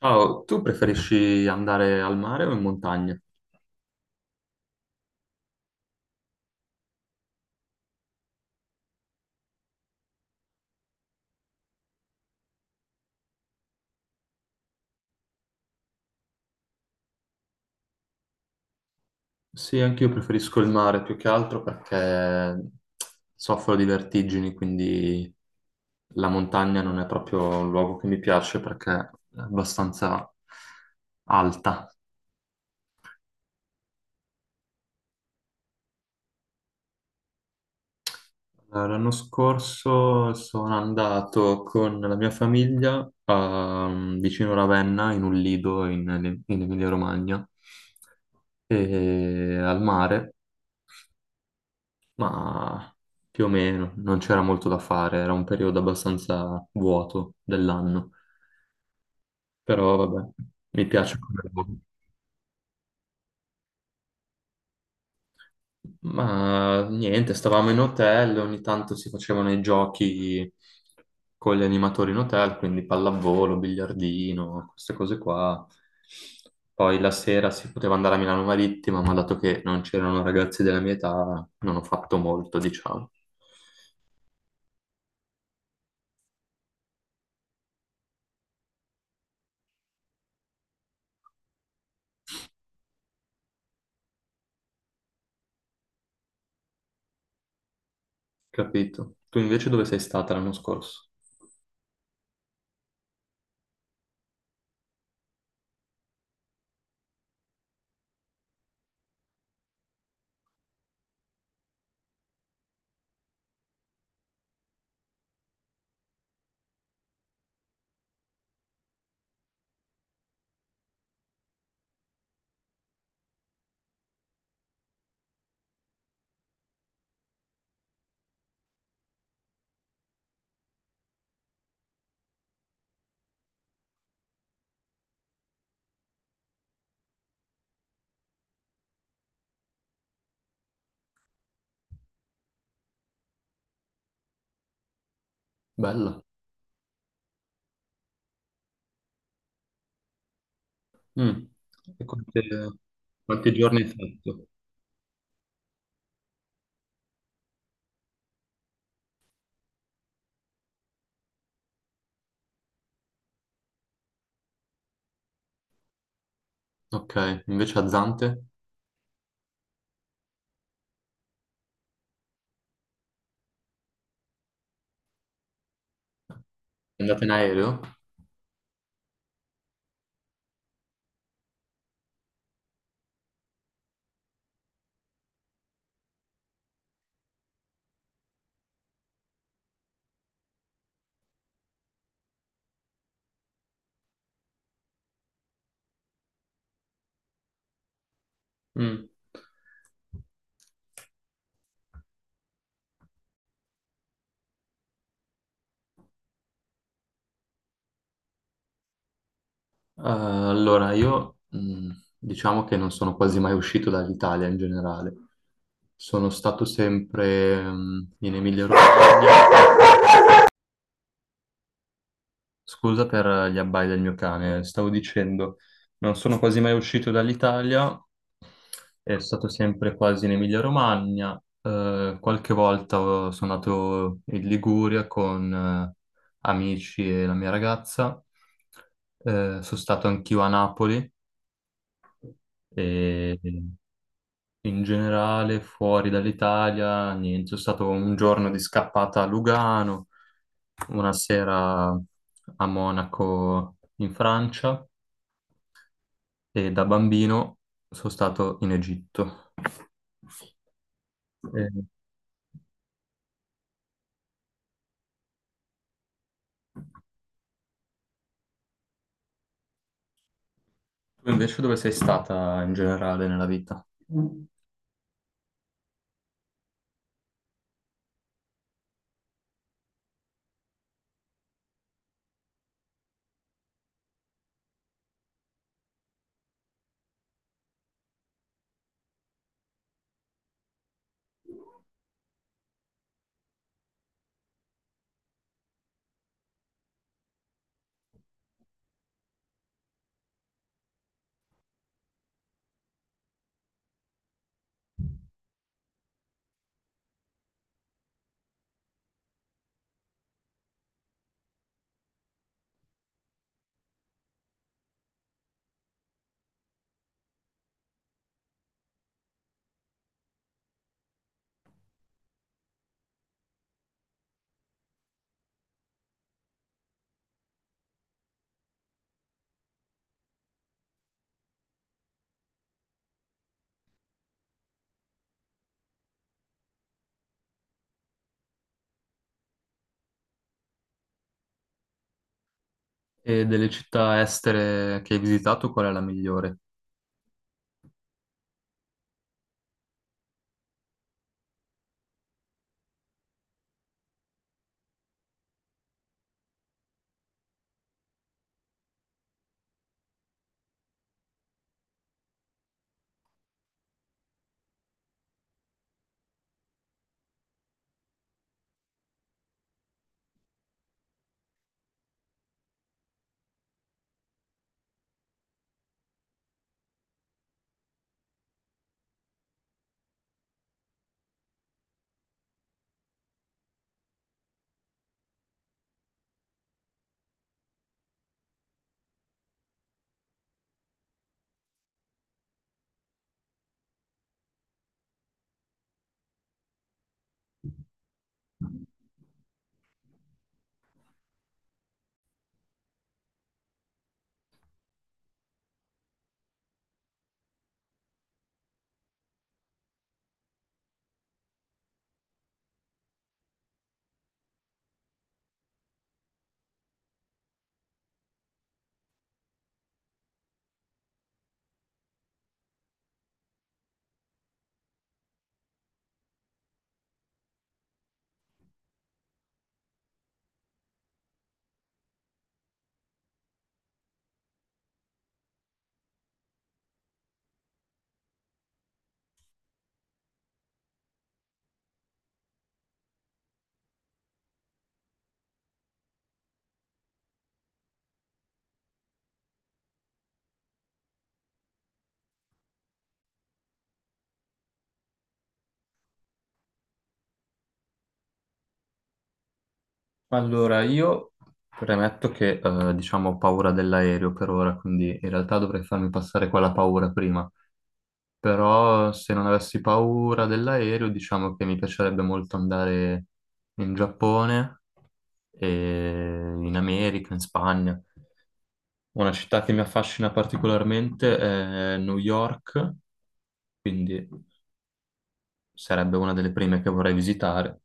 Ciao, tu preferisci andare al mare o in montagna? Sì, anche io preferisco il mare più che altro perché soffro di vertigini, quindi la montagna non è proprio un luogo che mi piace perché è abbastanza alta. L'anno scorso sono andato con la mia famiglia vicino Ravenna, in un lido in Emilia-Romagna, e al mare. Ma più o meno, non c'era molto da fare, era un periodo abbastanza vuoto dell'anno, però vabbè, mi piace come lavoro. Ma niente, stavamo in hotel, ogni tanto si facevano i giochi con gli animatori in hotel, quindi pallavolo, biliardino, queste cose qua. Poi la sera si poteva andare a Milano Marittima, ma dato che non c'erano ragazzi della mia età, non ho fatto molto, diciamo. Capito? Tu invece dove sei stata l'anno scorso? Bella. Mm, e quanti giorni hai fatto? Ok, invece a Zante? È andata in aereo? Mm. Allora, io diciamo che non sono quasi mai uscito dall'Italia in generale. Sono stato sempre in Emilia-Romagna. Scusa per gli abbai del mio cane, stavo dicendo, non sono quasi mai uscito dall'Italia, è stato sempre quasi in Emilia-Romagna, qualche volta sono andato in Liguria con amici e la mia ragazza, sono stato anch'io a Napoli e in generale, fuori dall'Italia, niente, è stato un giorno di scappata a Lugano, una sera a Monaco in Francia e da bambino sono stato in Egitto. E tu invece dove sei stata in generale nella vita? E delle città estere che hai visitato, qual è la migliore? Allora, io premetto che diciamo ho paura dell'aereo per ora, quindi in realtà dovrei farmi passare quella paura prima. Però se non avessi paura dell'aereo, diciamo che mi piacerebbe molto andare in Giappone, e in America, in Spagna. Una città che mi affascina particolarmente è New York, quindi sarebbe una delle prime che vorrei visitare.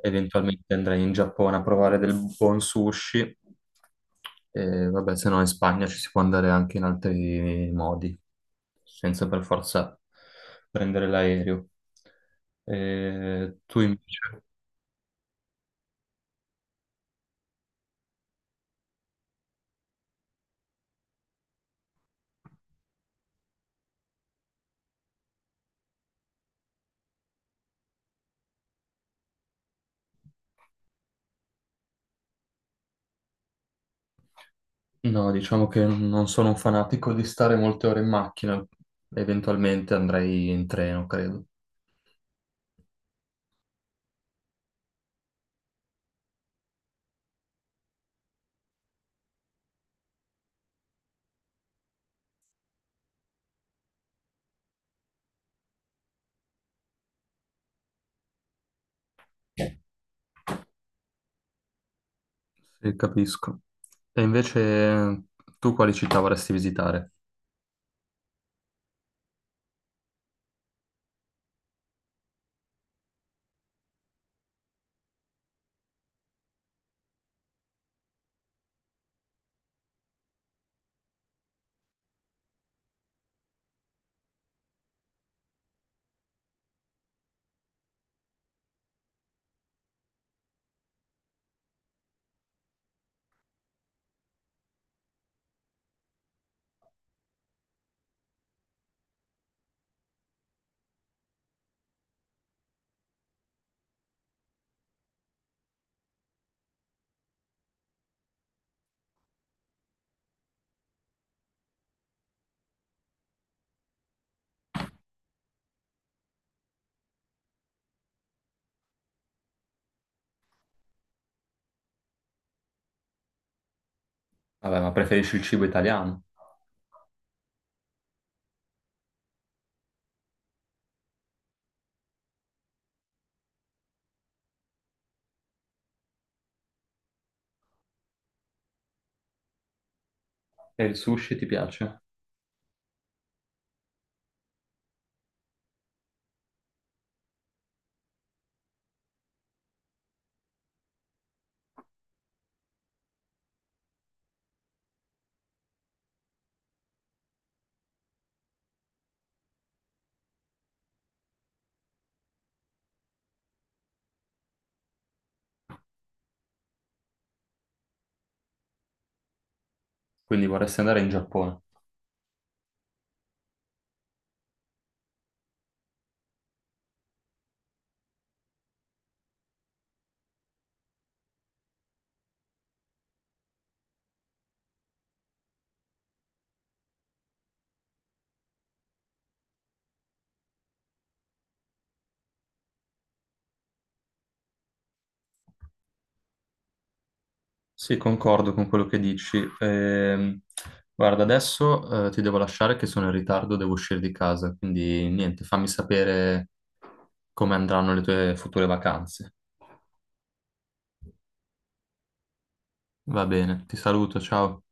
Eventualmente andrei in Giappone a provare del buon sushi. E vabbè, se no in Spagna ci si può andare anche in altri modi, senza per forza prendere l'aereo. E tu invece? No, diciamo che non sono un fanatico di stare molte ore in macchina, eventualmente andrei in treno, credo. Sì, capisco. E invece tu quali città vorresti visitare? Vabbè, ma preferisci il cibo italiano? E il sushi ti piace? Quindi vorresti andare in Giappone. Sì, concordo con quello che dici. Guarda, adesso ti devo lasciare che sono in ritardo, devo uscire di casa, quindi niente, fammi sapere come andranno le tue future vacanze. Va bene, ti saluto, ciao.